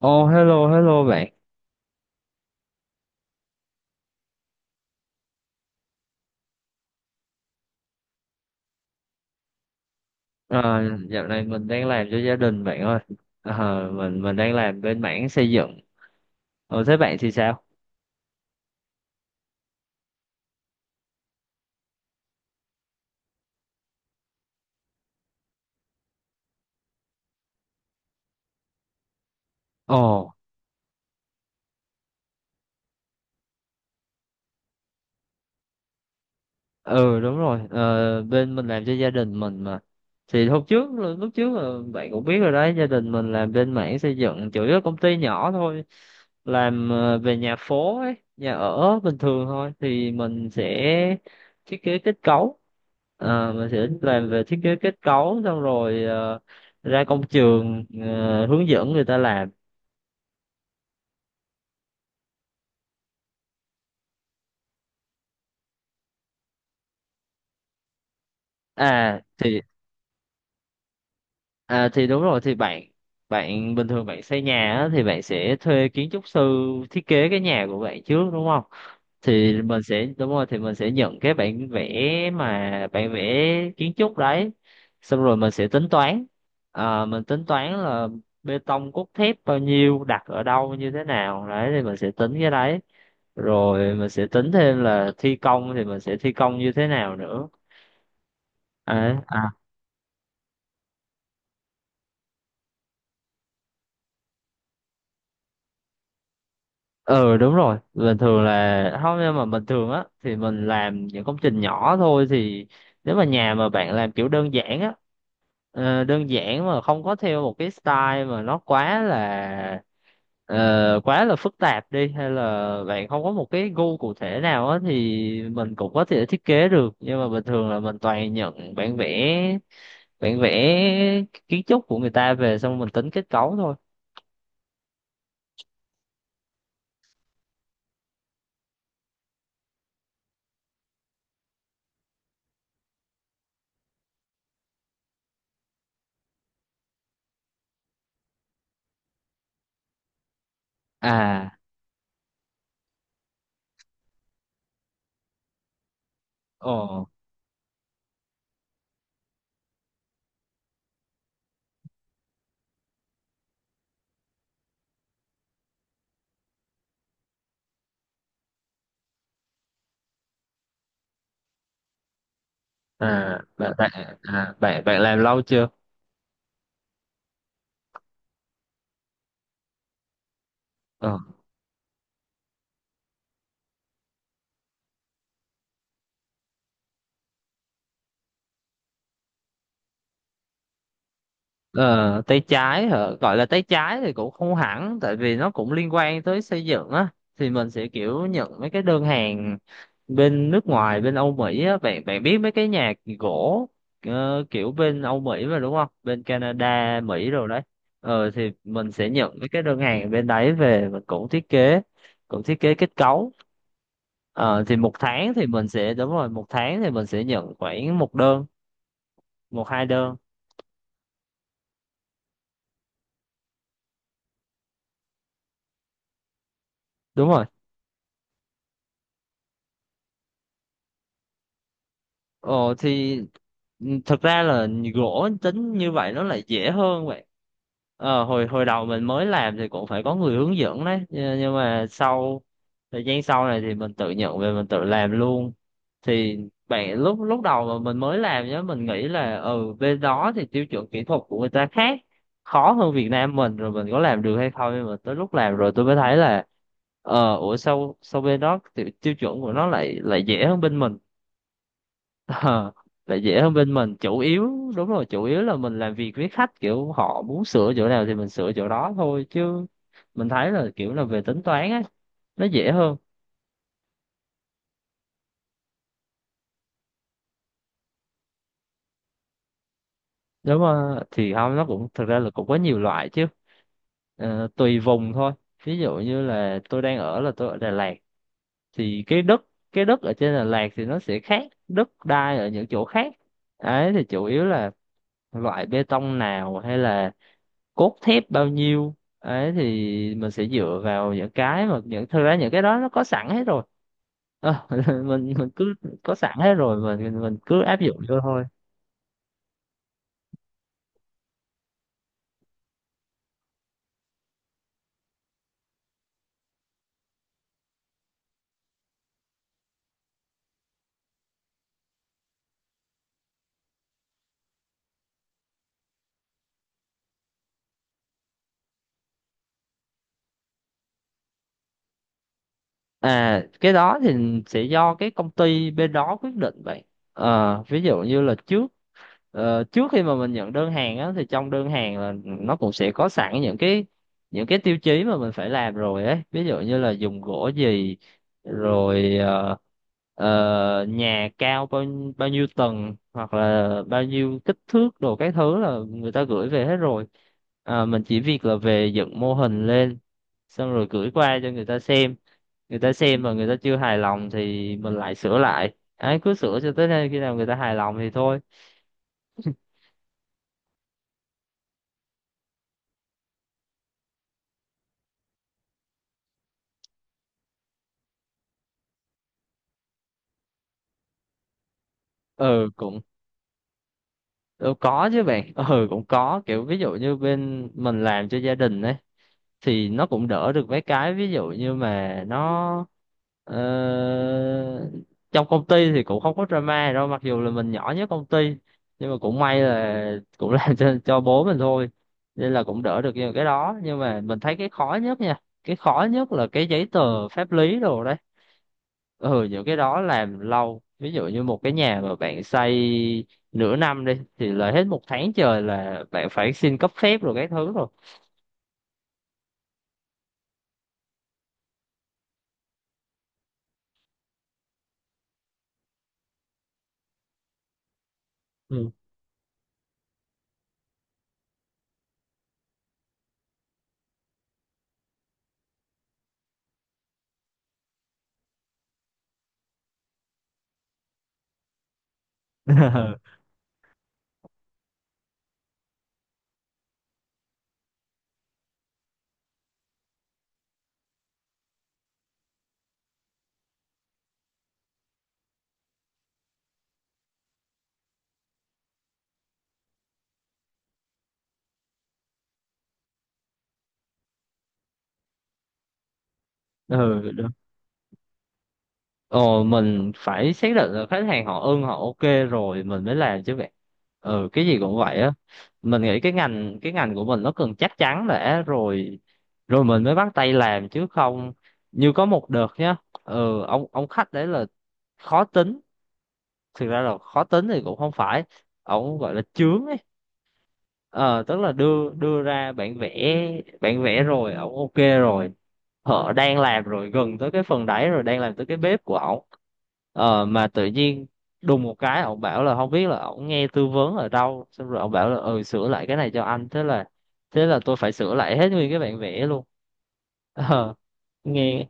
Oh, hello hello bạn. À, dạo này mình đang làm cho gia đình, bạn ơi. À, mình đang làm bên mảng xây dựng. Ồ, thế bạn thì sao? Ồ. Ừ, đúng rồi. Ờ, Bên mình làm cho gia đình mình mà, thì hôm trước lúc trước là bạn cũng biết rồi đấy, gia đình mình làm bên mảng xây dựng, chủ yếu là công ty nhỏ thôi, làm về nhà phố ấy, nhà ở bình thường thôi, thì mình sẽ thiết kế kết cấu. Mình sẽ làm về thiết kế kết cấu xong rồi ra công trường, hướng dẫn người ta làm. à thì À, thì đúng rồi thì bạn bạn bình thường bạn xây nhà á, thì bạn sẽ thuê kiến trúc sư thiết kế cái nhà của bạn trước, đúng không? Thì mình sẽ, đúng rồi, thì mình sẽ nhận cái bản vẽ, mà bản vẽ kiến trúc đấy. Xong rồi mình sẽ tính toán. À, mình tính toán là bê tông cốt thép bao nhiêu, đặt ở đâu, như thế nào đấy thì mình sẽ tính cái đấy. Rồi mình sẽ tính thêm là thi công thì mình sẽ thi công như thế nào nữa. Đấy. À. Ừ, đúng rồi, bình thường là không, nhưng mà bình thường á thì mình làm những công trình nhỏ thôi. Thì nếu mà nhà mà bạn làm kiểu đơn giản á, đơn giản mà không có theo một cái style mà nó quá là quá là phức tạp đi, hay là bạn không có một cái gu cụ thể nào á thì mình cũng có thể thiết kế được, nhưng mà bình thường là mình toàn nhận bản vẽ kiến trúc của người ta về, xong mình tính kết cấu thôi. À. Ồ. à bạn bạn à, bạn bạn làm lâu chưa? ờ, ờ, Tay trái hả? Gọi là tay trái thì cũng không hẳn, tại vì nó cũng liên quan tới xây dựng á, thì mình sẽ kiểu nhận mấy cái đơn hàng bên nước ngoài, bên Âu Mỹ á, bạn bạn biết mấy cái nhà gỗ, kiểu bên Âu Mỹ mà, đúng không, bên Canada, Mỹ rồi đấy. Thì mình sẽ nhận mấy cái đơn hàng bên đấy về, mình cũng thiết kế kết cấu. Ờ, thì một tháng thì mình sẽ, đúng rồi, một tháng thì mình sẽ nhận khoảng một đơn, một hai đơn. Đúng rồi. Ồ. Ừ, thật ra là gỗ tính như vậy nó lại dễ hơn vậy. Hồi hồi đầu mình mới làm thì cũng phải có người hướng dẫn đấy, nhưng mà sau thời gian sau này thì mình tự nhận về, mình tự làm luôn. Thì bạn, lúc lúc đầu mà mình mới làm nhá, mình nghĩ là ừ, bên đó thì tiêu chuẩn kỹ thuật của người ta khác, khó hơn Việt Nam mình, rồi mình có làm được hay không. Nhưng mà tới lúc làm rồi tôi mới thấy là ủa, sao sao bên đó tiêu chuẩn của nó lại lại dễ hơn bên mình. Ờ, Tại dễ hơn bên mình, chủ yếu, đúng rồi, chủ yếu là mình làm việc với khách kiểu họ muốn sửa chỗ nào thì mình sửa chỗ đó thôi chứ. Mình thấy là kiểu là về tính toán á, nó dễ hơn. Nếu mà thì không, nó cũng thực ra là cũng có nhiều loại chứ. Tùy vùng thôi, ví dụ như là tôi đang ở là tôi ở Đà Lạt. Thì cái đất ở trên Đà Lạt thì nó sẽ khác đất đai ở những chỗ khác, ấy thì chủ yếu là loại bê tông nào hay là cốt thép bao nhiêu ấy thì mình sẽ dựa vào những cái mà những, thực ra những cái đó nó có sẵn hết rồi. Ờ, mình cứ có sẵn hết rồi, mình cứ áp dụng vô thôi. À, cái đó thì sẽ do cái công ty bên đó quyết định vậy. Ví dụ như là trước, trước khi mà mình nhận đơn hàng á, thì trong đơn hàng là nó cũng sẽ có sẵn những cái tiêu chí mà mình phải làm rồi ấy, ví dụ như là dùng gỗ gì, rồi nhà cao bao bao nhiêu tầng, hoặc là bao nhiêu kích thước đồ các thứ là người ta gửi về hết rồi. À, mình chỉ việc là về dựng mô hình lên, xong rồi gửi qua cho người ta xem. Người ta xem mà người ta chưa hài lòng thì mình lại sửa lại ấy, cứ sửa cho tới nơi, khi nào người ta hài lòng thì thôi. Ừ cũng Ừ, có chứ bạn. Ừ, cũng có kiểu, ví dụ như bên mình làm cho gia đình ấy, thì nó cũng đỡ được mấy cái. Ví dụ như mà nó ờ, trong công ty thì cũng không có drama đâu, mặc dù là mình nhỏ nhất công ty, nhưng mà cũng may là cũng làm cho bố mình thôi, nên là cũng đỡ được những cái đó. Nhưng mà mình thấy cái khó nhất là cái giấy tờ pháp lý đồ đó. Ừ, những cái đó làm lâu. Ví dụ như một cái nhà mà bạn xây nửa năm đi thì là hết một tháng trời là bạn phải xin cấp phép rồi các thứ rồi. Ừ. Ừ, đúng. Ờ, mình phải xác định là khách hàng họ ưng, họ ok rồi mình mới làm chứ bạn. Ừ, cái gì cũng vậy á, mình nghĩ cái ngành của mình nó cần chắc chắn đã rồi, rồi mình mới bắt tay làm chứ không. Như có một đợt nhá, ừ, ông khách đấy là khó tính. Thực ra là khó tính thì cũng không phải, ổng gọi là chướng ấy. Ờ Tức là đưa đưa ra bản vẽ rồi ổng ok rồi, họ đang làm rồi, gần tới cái phần đáy rồi, đang làm tới cái bếp của ổng, mà tự nhiên đùng một cái, ổng bảo là không biết là ổng nghe tư vấn ở đâu, xong rồi ổng bảo là ừ, sửa lại cái này cho anh, thế là tôi phải sửa lại hết nguyên cái bản vẽ luôn. Ờ nghe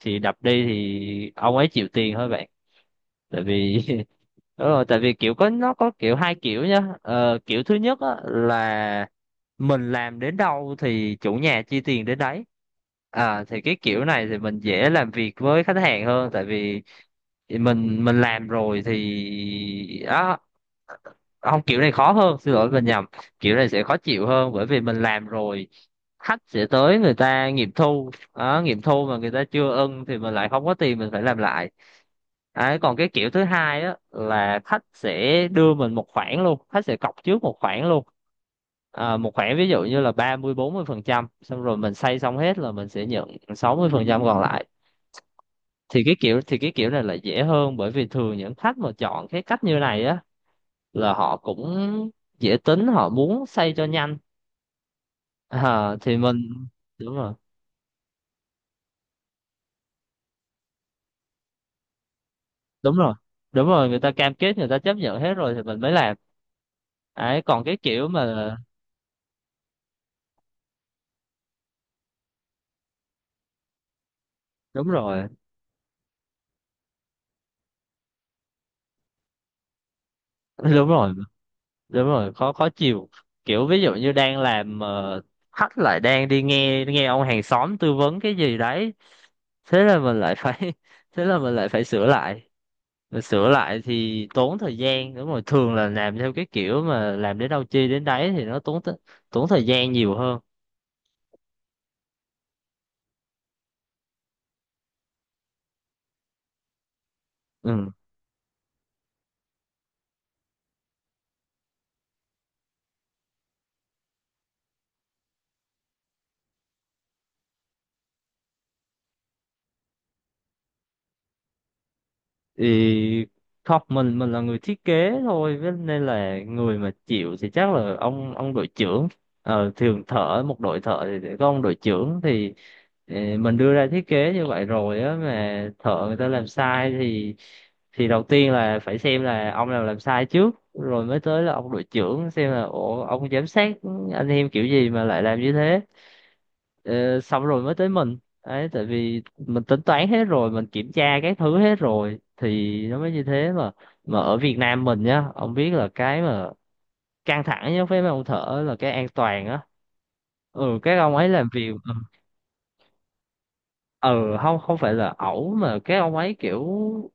Thì đập đi thì ông ấy chịu tiền thôi bạn, tại vì Đúng rồi, tại vì kiểu có, nó có kiểu hai kiểu nhá. Ờ, Kiểu thứ nhất á, là mình làm đến đâu thì chủ nhà chi tiền đến đấy. À, thì cái kiểu này thì mình dễ làm việc với khách hàng hơn, tại vì mình làm rồi thì đó, không, kiểu này khó hơn, xin lỗi mình nhầm. Kiểu này sẽ khó chịu hơn, bởi vì mình làm rồi khách sẽ tới, người ta nghiệm thu, đó, nghiệm thu mà người ta chưa ưng thì mình lại không có tiền, mình phải làm lại. Đấy còn cái kiểu thứ hai á là khách sẽ đưa mình một khoản luôn, khách sẽ cọc trước một khoản luôn. À, một khoản ví dụ như là 30-40%, xong rồi mình xây xong hết là mình sẽ nhận 60% còn lại. Thì cái kiểu này là dễ hơn, bởi vì thường những khách mà chọn cái cách như này á là họ cũng dễ tính, họ muốn xây cho nhanh. À, thì mình. Đúng rồi, đúng rồi, đúng rồi, người ta cam kết, người ta chấp nhận hết rồi thì mình mới làm ấy. Còn cái kiểu mà, đúng rồi. Đúng rồi. Đúng rồi, khó khó chịu. Kiểu ví dụ như đang làm mà khách lại đang đi nghe nghe ông hàng xóm tư vấn cái gì đấy, thế là mình lại phải thế là mình lại phải sửa lại. Rồi sửa lại thì tốn thời gian, đúng rồi, thường là làm theo cái kiểu mà làm đến đâu chi đến đấy thì nó tốn thời gian nhiều hơn. Ừ, thì không, mình là người thiết kế thôi nên là người mà chịu thì chắc là ông đội trưởng. Thường thợ một đội thợ thì sẽ có ông đội trưởng thì mình đưa ra thiết kế như vậy rồi á, mà thợ người ta làm sai thì đầu tiên là phải xem là ông nào làm sai trước, rồi mới tới là ông đội trưởng, xem là ủa ông giám sát anh em kiểu gì mà lại làm như thế. Ờ, Xong rồi mới tới mình, đấy tại vì mình tính toán hết rồi, mình kiểm tra cái thứ hết rồi thì nó mới như thế mà. Mà ở Việt Nam mình nhá, ông biết là cái mà căng thẳng nhất với mấy ông thợ là cái an toàn á. Ừ, các ông ấy làm việc. Ừ, ừ, không, không phải là ẩu mà cái ông ấy kiểu,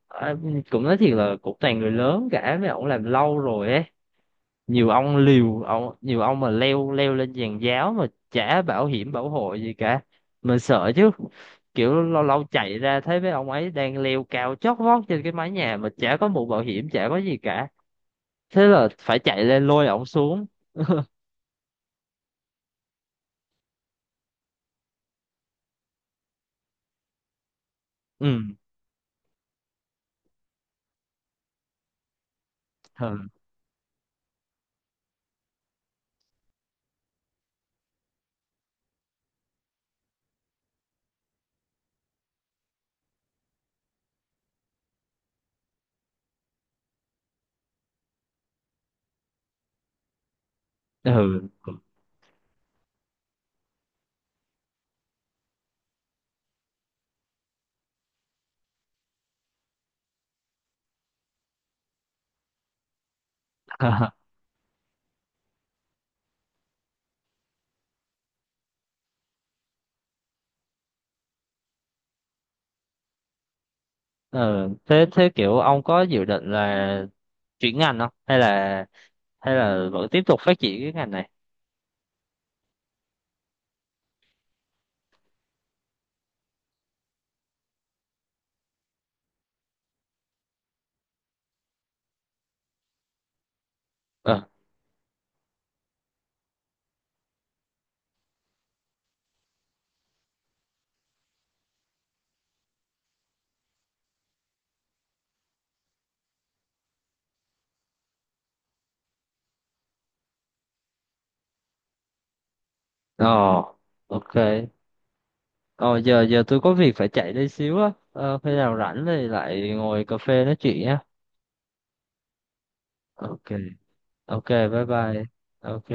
à, cũng nói thiệt là cũng toàn người lớn cả, mấy ông làm lâu rồi ấy. Nhiều ông liều, ông, nhiều ông mà leo leo lên giàn giáo mà chả bảo hiểm bảo hộ gì cả, mình sợ chứ. Kiểu lâu lâu chạy ra thấy mấy ông ấy đang leo cao chót vót trên cái mái nhà mà chả có mũ bảo hiểm, chả có gì cả, thế là phải chạy lên lôi ổng xuống. Ừ. Ừ. Ừ. Ừ, thế thế kiểu ông có dự định là chuyển ngành không, hay là vẫn tiếp tục phát triển cái ngành này? ờ ờ ok. Ờ giờ giờ tôi có việc phải chạy đây xíu á. Ờ, Khi nào rảnh thì lại ngồi cà phê nói chuyện nhé. Ok. Ok, bye bye. Ok.